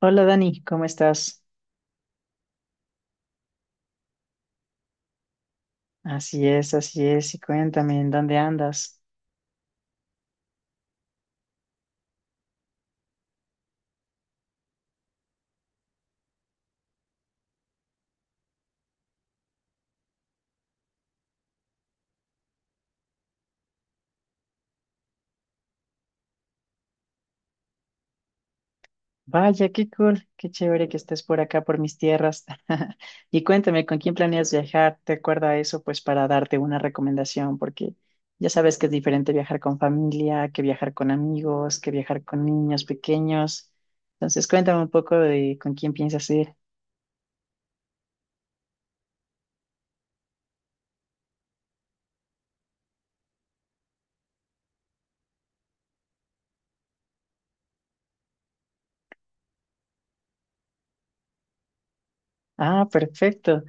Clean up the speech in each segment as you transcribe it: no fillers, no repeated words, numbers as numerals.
Hola Dani, ¿cómo estás? Así es, y cuéntame, ¿en dónde andas? Vaya, qué cool, qué chévere que estés por acá, por mis tierras. Y cuéntame, ¿con quién planeas viajar? ¿Te acuerdas eso? Pues para darte una recomendación, porque ya sabes que es diferente viajar con familia, que viajar con amigos, que viajar con niños pequeños. Entonces, cuéntame un poco de con quién piensas ir. Ah, perfecto.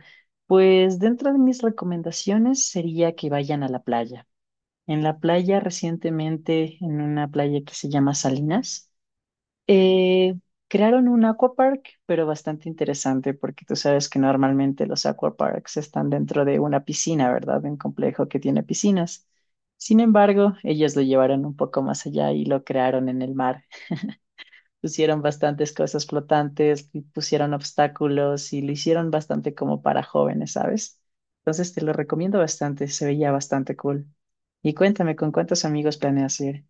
Pues dentro de mis recomendaciones sería que vayan a la playa. En la playa recientemente, en una playa que se llama Salinas, eh, crearon un aquapark, pero bastante interesante porque tú sabes que normalmente los aquaparks están dentro de una piscina, ¿verdad? De un complejo que tiene piscinas. Sin embargo, ellos lo llevaron un poco más allá y lo crearon en el mar. Pusieron bastantes cosas flotantes, y pusieron obstáculos y lo hicieron bastante como para jóvenes, ¿sabes? Entonces te lo recomiendo bastante, se veía bastante cool. Y cuéntame, ¿con cuántos amigos planeas ir?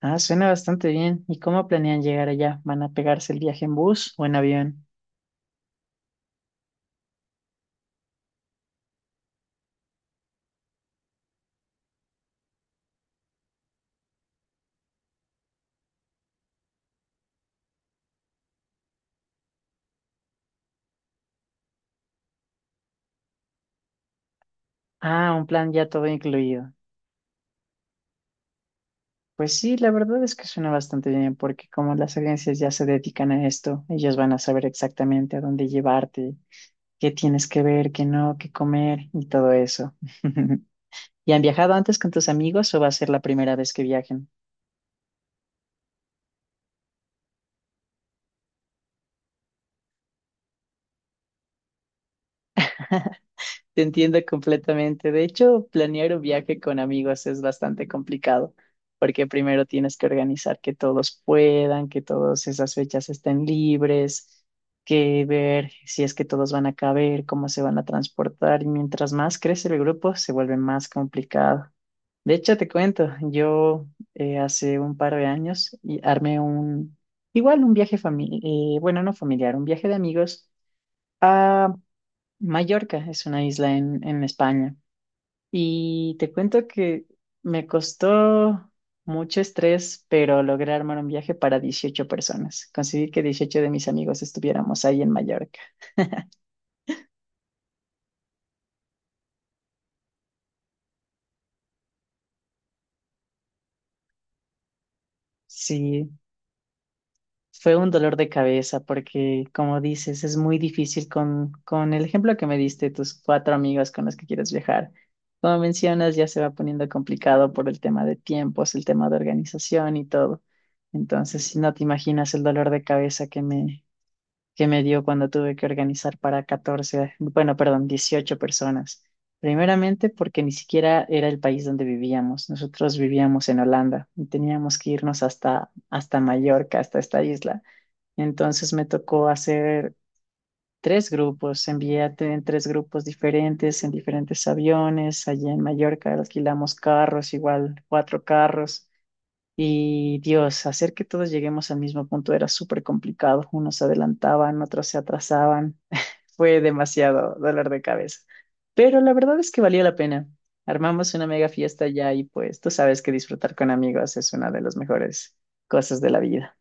Ah, suena bastante bien. ¿Y cómo planean llegar allá? ¿Van a pegarse el viaje en bus o en avión? Ah, un plan ya todo incluido. Pues sí, la verdad es que suena bastante bien, porque como las agencias ya se dedican a esto, ellos van a saber exactamente a dónde llevarte, qué tienes que ver, qué no, qué comer y todo eso. ¿Y han viajado antes con tus amigos o va a ser la primera vez que viajen? Te entiendo completamente. De hecho, planear un viaje con amigos es bastante complicado, porque primero tienes que organizar que todos puedan, que todas esas fechas estén libres, que ver si es que todos van a caber, cómo se van a transportar, y mientras más crece el grupo, se vuelve más complicado. De hecho, te cuento, yo hace un par de años y armé igual un viaje familiar, bueno, no familiar, un viaje de amigos a Mallorca, es una isla en España. Y te cuento que me costó mucho estrés, pero logré armar un viaje para 18 personas. Conseguí que 18 de mis amigos estuviéramos ahí en Mallorca. Sí, fue un dolor de cabeza porque, como dices, es muy difícil con el ejemplo que me diste, tus cuatro amigos con los que quieres viajar. Como mencionas, ya se va poniendo complicado por el tema de tiempos, el tema de organización y todo. Entonces, si no te imaginas el dolor de cabeza que me dio cuando tuve que organizar para 14, bueno, perdón, 18 personas. Primeramente porque ni siquiera era el país donde vivíamos. Nosotros vivíamos en Holanda y teníamos que irnos hasta Mallorca, hasta esta isla. Entonces me tocó hacer tres grupos, envié en tres grupos diferentes, en diferentes aviones. Allí en Mallorca alquilamos carros, igual cuatro carros. Y Dios, hacer que todos lleguemos al mismo punto era súper complicado. Unos se adelantaban, otros se atrasaban. Fue demasiado dolor de cabeza. Pero la verdad es que valía la pena. Armamos una mega fiesta allá y pues tú sabes que disfrutar con amigos es una de las mejores cosas de la vida.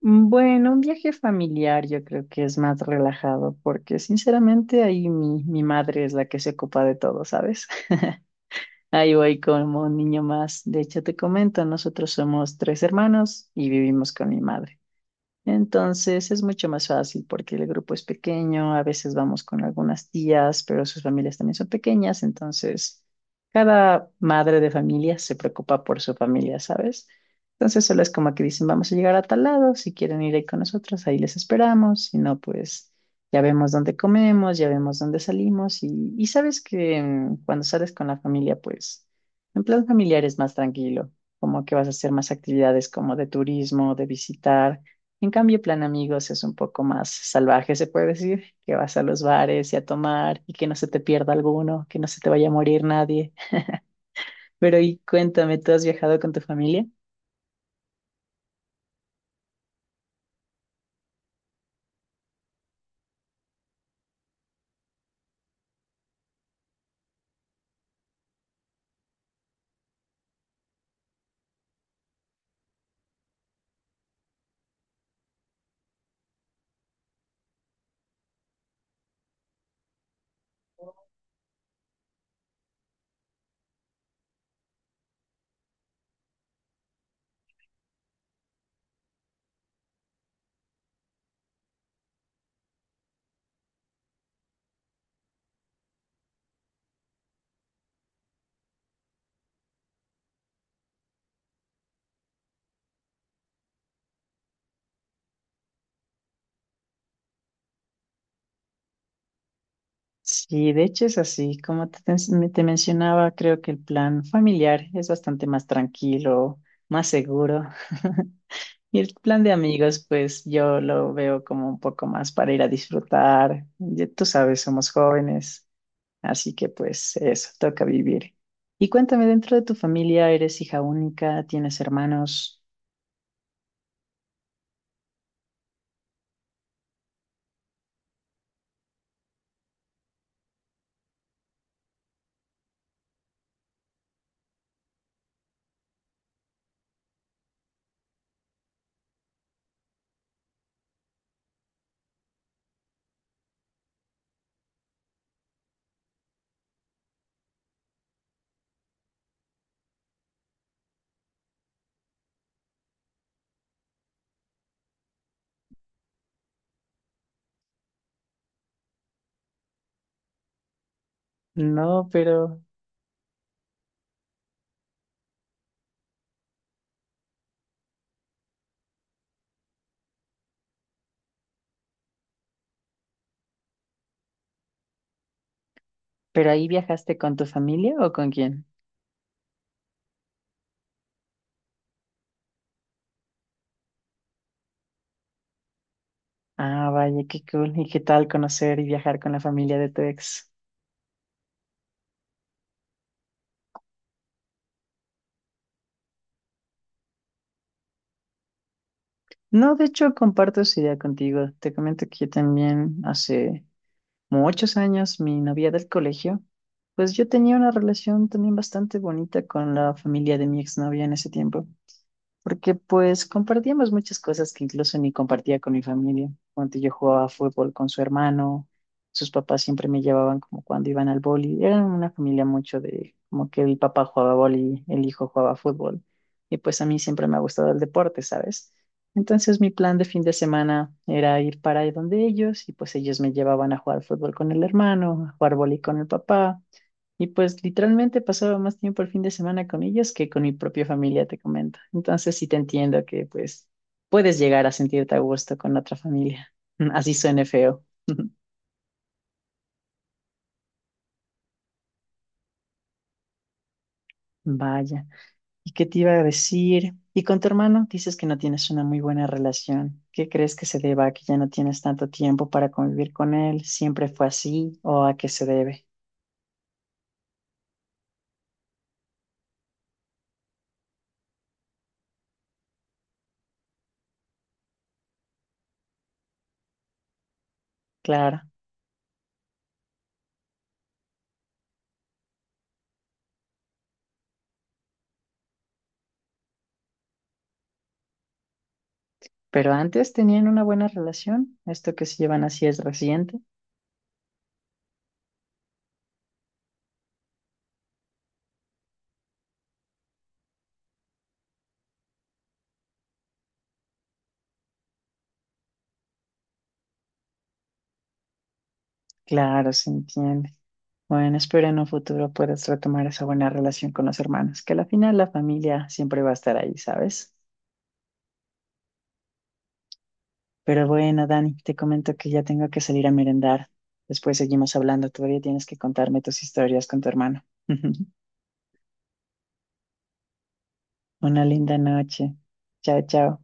Bueno, un viaje familiar yo creo que es más relajado porque sinceramente ahí mi madre es la que se ocupa de todo, ¿sabes? Ahí voy como un niño más. De hecho, te comento, nosotros somos tres hermanos y vivimos con mi madre. Entonces es mucho más fácil porque el grupo es pequeño, a veces vamos con algunas tías, pero sus familias también son pequeñas, entonces cada madre de familia se preocupa por su familia, ¿sabes? Entonces solo es como que dicen, vamos a llegar a tal lado, si quieren ir ahí con nosotros, ahí les esperamos, si no, pues ya vemos dónde comemos, ya vemos dónde salimos y sabes que cuando sales con la familia, pues en plan familiar es más tranquilo, como que vas a hacer más actividades como de turismo, de visitar. En cambio, plan amigos es un poco más salvaje, se puede decir, que vas a los bares y a tomar y que no se te pierda alguno, que no se te vaya a morir nadie. Pero y cuéntame, ¿tú has viajado con tu familia? Sí, de hecho es así. Como te mencionaba, creo que el plan familiar es bastante más tranquilo, más seguro. Y el plan de amigos, pues yo lo veo como un poco más para ir a disfrutar. Ya tú sabes, somos jóvenes. Así que pues eso, toca vivir. Y cuéntame, dentro de tu familia, ¿eres hija única? ¿Tienes hermanos? No, pero ahí viajaste con tu familia o con quién? Ah, vaya, qué cool. ¿Y qué tal conocer y viajar con la familia de tu ex? No, de hecho, comparto esa idea contigo. Te comento que yo también hace muchos años, mi novia del colegio, pues yo tenía una relación también bastante bonita con la familia de mi exnovia en ese tiempo. Porque pues compartíamos muchas cosas que incluso ni compartía con mi familia. Cuando yo jugaba fútbol con su hermano, sus papás siempre me llevaban como cuando iban al boli. Eran una familia mucho de como que el papá jugaba boli, el hijo jugaba fútbol. Y pues a mí siempre me ha gustado el deporte, ¿sabes? Entonces mi plan de fin de semana era ir para ahí donde ellos y pues ellos me llevaban a jugar fútbol con el hermano, a jugar boli con el papá. Y pues literalmente pasaba más tiempo el fin de semana con ellos que con mi propia familia, te comento. Entonces sí te entiendo que pues puedes llegar a sentirte a gusto con otra familia. Así suene feo. Vaya. ¿Y qué te iba a decir? ¿Y con tu hermano? Dices que no tienes una muy buena relación. ¿Qué crees que se deba a que ya no tienes tanto tiempo para convivir con él? ¿Siempre fue así o a qué se debe? Claro. Pero antes tenían una buena relación. Esto que se llevan así es reciente. Claro, se entiende. Bueno, espero en un futuro puedas retomar esa buena relación con los hermanos, que al final la familia siempre va a estar ahí, ¿sabes? Pero bueno, Dani, te comento que ya tengo que salir a merendar. Después seguimos hablando, todavía tienes que contarme tus historias con tu hermano. Una linda noche. Chao, chao.